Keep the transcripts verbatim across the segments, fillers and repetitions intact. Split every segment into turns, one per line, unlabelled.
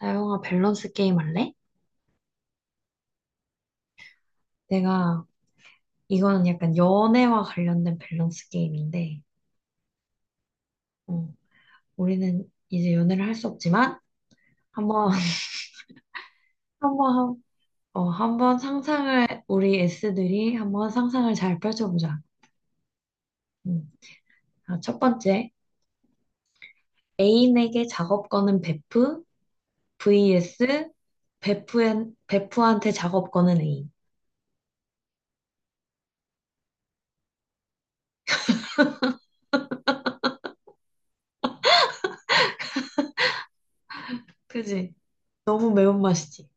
나영아, 밸런스 게임 할래? 내가 이거는 약간 연애와 관련된 밸런스 게임인데, 어, 우리는 이제 연애를 할 수 없지만 한번 한번 어, 한번 상상을 우리 S들이 한번 상상을 잘 펼쳐보자. 음. 아, 첫 번째 애인에게 작업 거는 베프 vs 베프엔 베프한테 작업 거는 애인. 그지? 너무 매운맛이지.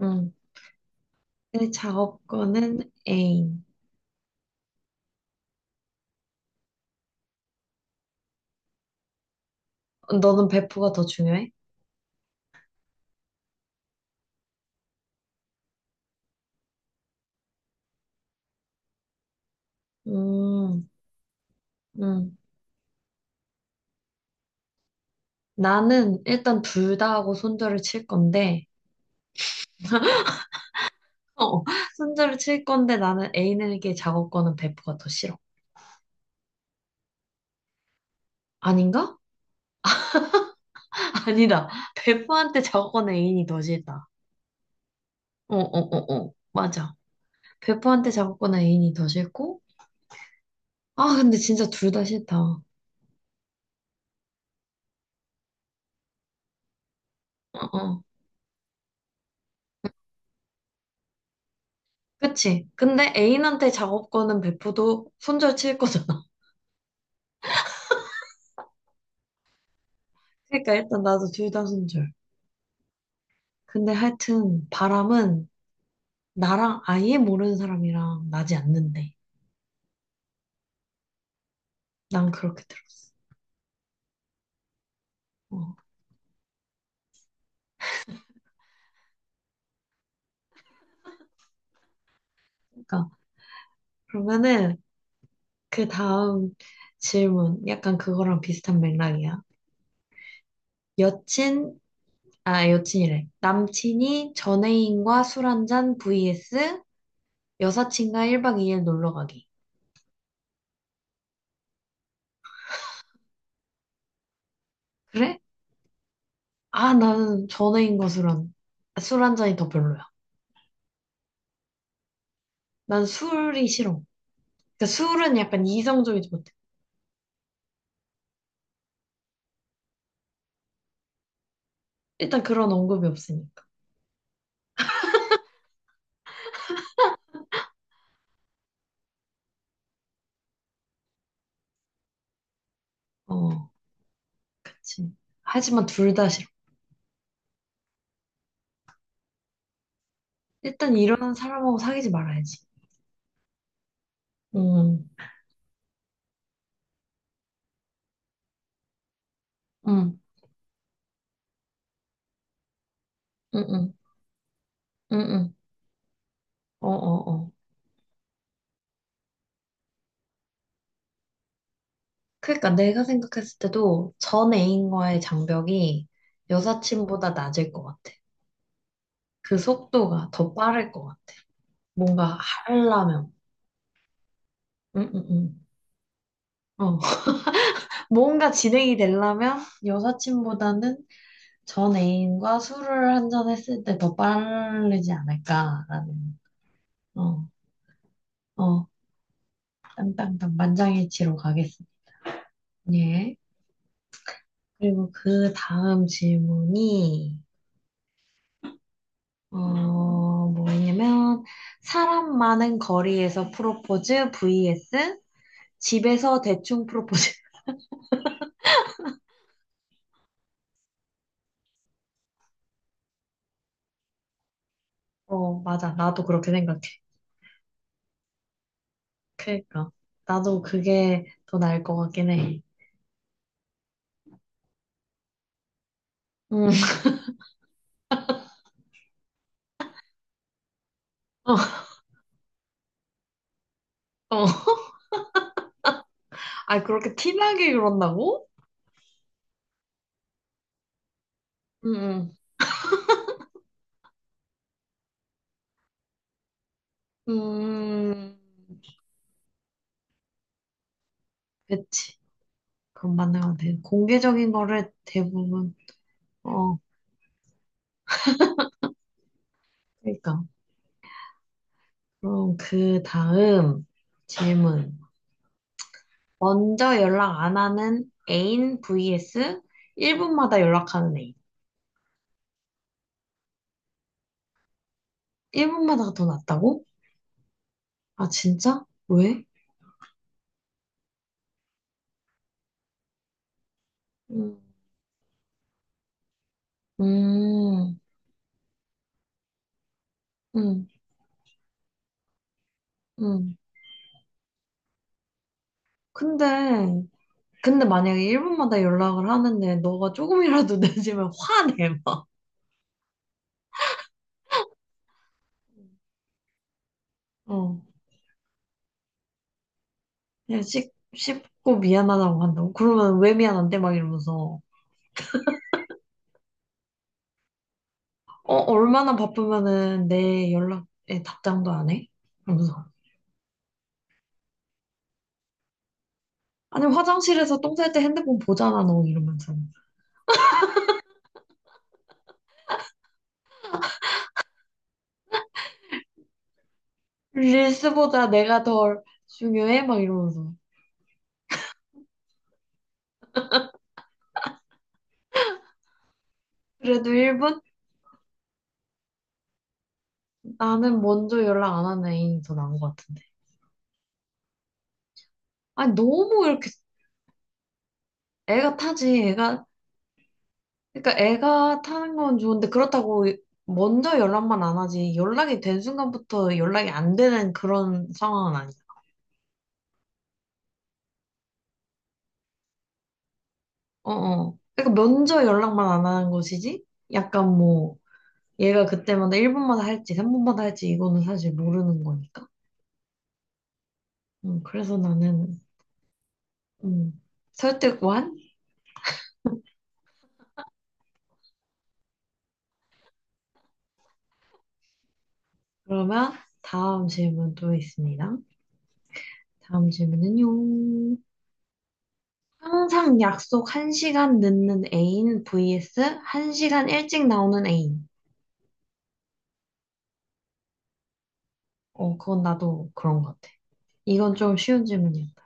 음. 근데 작업 거는 애인. 너는 베프가 더 중요해? 음, 음. 나는 일단 둘 다 하고 손절을 칠 건데, 어, 손절을 칠 건데 나는 애인에게 작업 거는 베프가 더 싫어. 아닌가? 아니다. 베프한테 작업 거는 애인이 더 싫다. 어, 어, 어, 어. 맞아. 베프한테 작업 거는 애인이 더 싫고, 아, 근데 진짜 둘 다 싫다. 어, 어. 그치? 근데 애인한테 작업 거는 베프도 손절 칠 거잖아. 그러니까 일단 나도 둘 다 손절. 근데 하여튼 바람은 나랑 아예 모르는 사람이랑 나지 않는데. 난 그렇게 들었어. 어, 그러니까 그러면은 그 다음 질문 약간 그거랑 비슷한 맥락이야. 여친 아, 여친이래. 남친이 전애인과 술 한잔 vs 여사친과 일 박 이 일 놀러 가기. 그래? 아, 나는 전애인과 술 한 술 한잔이 더 별로야. 난 술이 싫어. 그러니까 술은 약간 이성적이지 못해. 일단 그런 언급이 없으니까. 어, 그치. 하지만 둘 다 싫어. 일단 일어난 사람하고 사귀지 말아야지. 응, 응. 응, 응, 응, 응, 어, 어, 어. 그러니까 내가 생각했을 때도 전 애인과의 장벽이 여사친보다 낮을 것 같아. 그 속도가 더 빠를 것 같아. 뭔가 하려면, 응, 응, 응, 어, 뭔가 진행이 되려면 여사친보다는 전 애인과 술을 한 잔 했을 때 더 빠르지 않을까라는. 어, 어. 땅땅땅 만장일치로 가겠습니다. 예. 그리고 그 다음 질문이, 어, 뭐냐면, 사람 많은 거리에서 프로포즈 vs 집에서 대충 프로포즈. 어, 맞아. 나도 그렇게 생각해. 그러니까. 나도 그게 더 나을 것 같긴 해. 음. 어, 어. 아, 그렇게 티나게 그런다고? 응, 응. 음, 그치. 그건 맞는 것 같아. 공개적인 거를 대부분, 어, 그러니까. 그럼 그 다음 질문. 먼저 연락 안 하는 애인 vs 일 분마다 연락하는 애인. 일 분마다가 더 낫다고? 아, 진짜? 왜? 음, 음, 음. 음. 근데, 근데 만약에 일 분마다 연락을 하는데 너가 조금이라도 늦으면 화내, 막. 어. 그냥 씹, 씹고 미안하다고 한다고? 그러면 왜 미안한데? 막 이러면서. 어, 얼마나 바쁘면은 내 연락에 답장도 안 해? 이러면서. 아니, 화장실에서 똥 쌀 때 핸드폰 보잖아, 너. 이러면서. 릴스보다 내가 덜 중요해? 막 이러면서. 그래도 일 분? 나는 먼저 연락 안 하는 애인이 더 나은 것 같은데. 아니, 너무 이렇게. 애가 타지, 애가. 그러니까 애가 타는 건 좋은데, 그렇다고 먼저 연락만 안 하지. 연락이 된 순간부터 연락이 안 되는 그런 상황은 아니야. 어어. 그러니까 먼저 연락만 안 하는 것이지? 약간 뭐, 얘가 그때마다 일 분마다 할지, 삼 분마다 할지, 이거는 사실 모르는 거니까. 음, 그래서 나는 음, 설득 완? 그러면 다음 질문 또 있습니다. 다음 질문은요. 항상 약속 한 시간 늦는 애인 vs 한 시간 일찍 나오는 애인. 어, 그건 나도 그런 것 같아. 이건 좀 쉬운 질문이었다.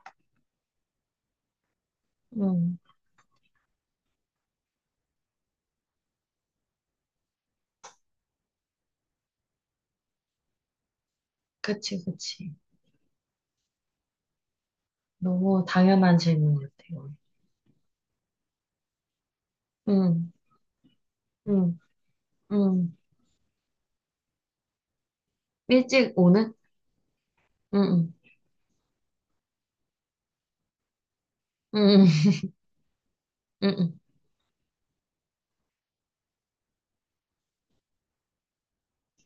음, 그치, 그치. 너무 당연한 질문이었다, 이건. 응, 응, 응. 일찍 오는? 응, 응, 응, 응응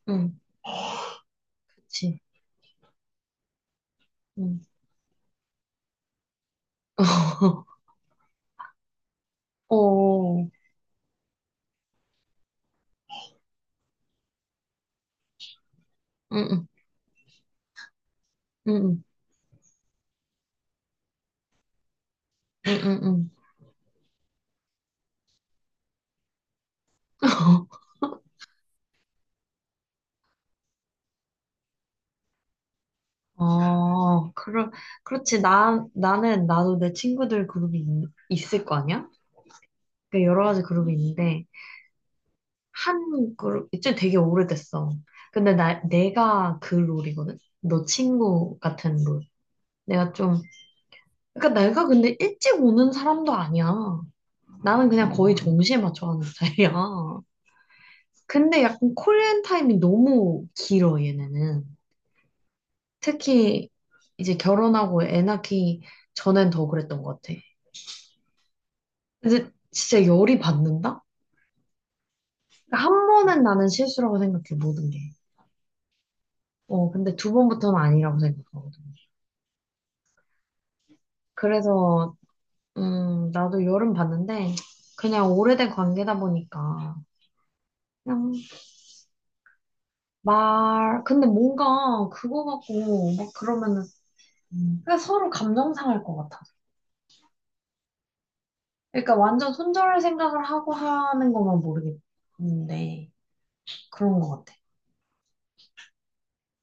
응, 응, 응, 그치. 응. 어, 응, 음. 응, 응, 응, 응. 응. 어, 그러, 그렇지. 나, 나는, 나도 내 친구들 그룹이 있, 을거 아니야? 그 여러 가지 그룹이 있는데, 한 그룹, 이제 되게 오래됐어. 근데 나, 내가 그 롤이거든? 너 친구 같은 롤. 내가 좀, 그러니까 내가 근데 일찍 오는 사람도 아니야. 나는 그냥 거의 정시에 맞춰 하는 스타일이야. 근데 약간 콜앤 타임이 너무 길어, 얘네는. 특히 이제 결혼하고 애 낳기 전엔 더 그랬던 것 같아. 근데 진짜 열이 받는다? 그러니까 한 번은 나는 실수라고 생각해, 모든 게. 어, 근데 두 번부터는 아니라고 생각하거든. 그래서, 음, 나도 열은 받는데, 그냥 오래된 관계다 보니까, 그냥 말, 근데 뭔가 그거 갖고 막 그러면은. 음. 그냥 서로 감정 상할 것 같아. 그러니까 완전 손절할 생각을 하고 하는 것만 모르겠는데, 그런 것 같아.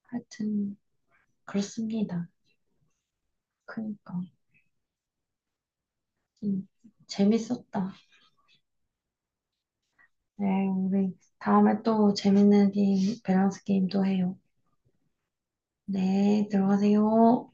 하여튼. 그렇습니다. 그러니까 음, 재밌었다. 네, 우리 다음에 또 재밌는 게임, 밸런스 게임도 해요. 네, 들어가세요.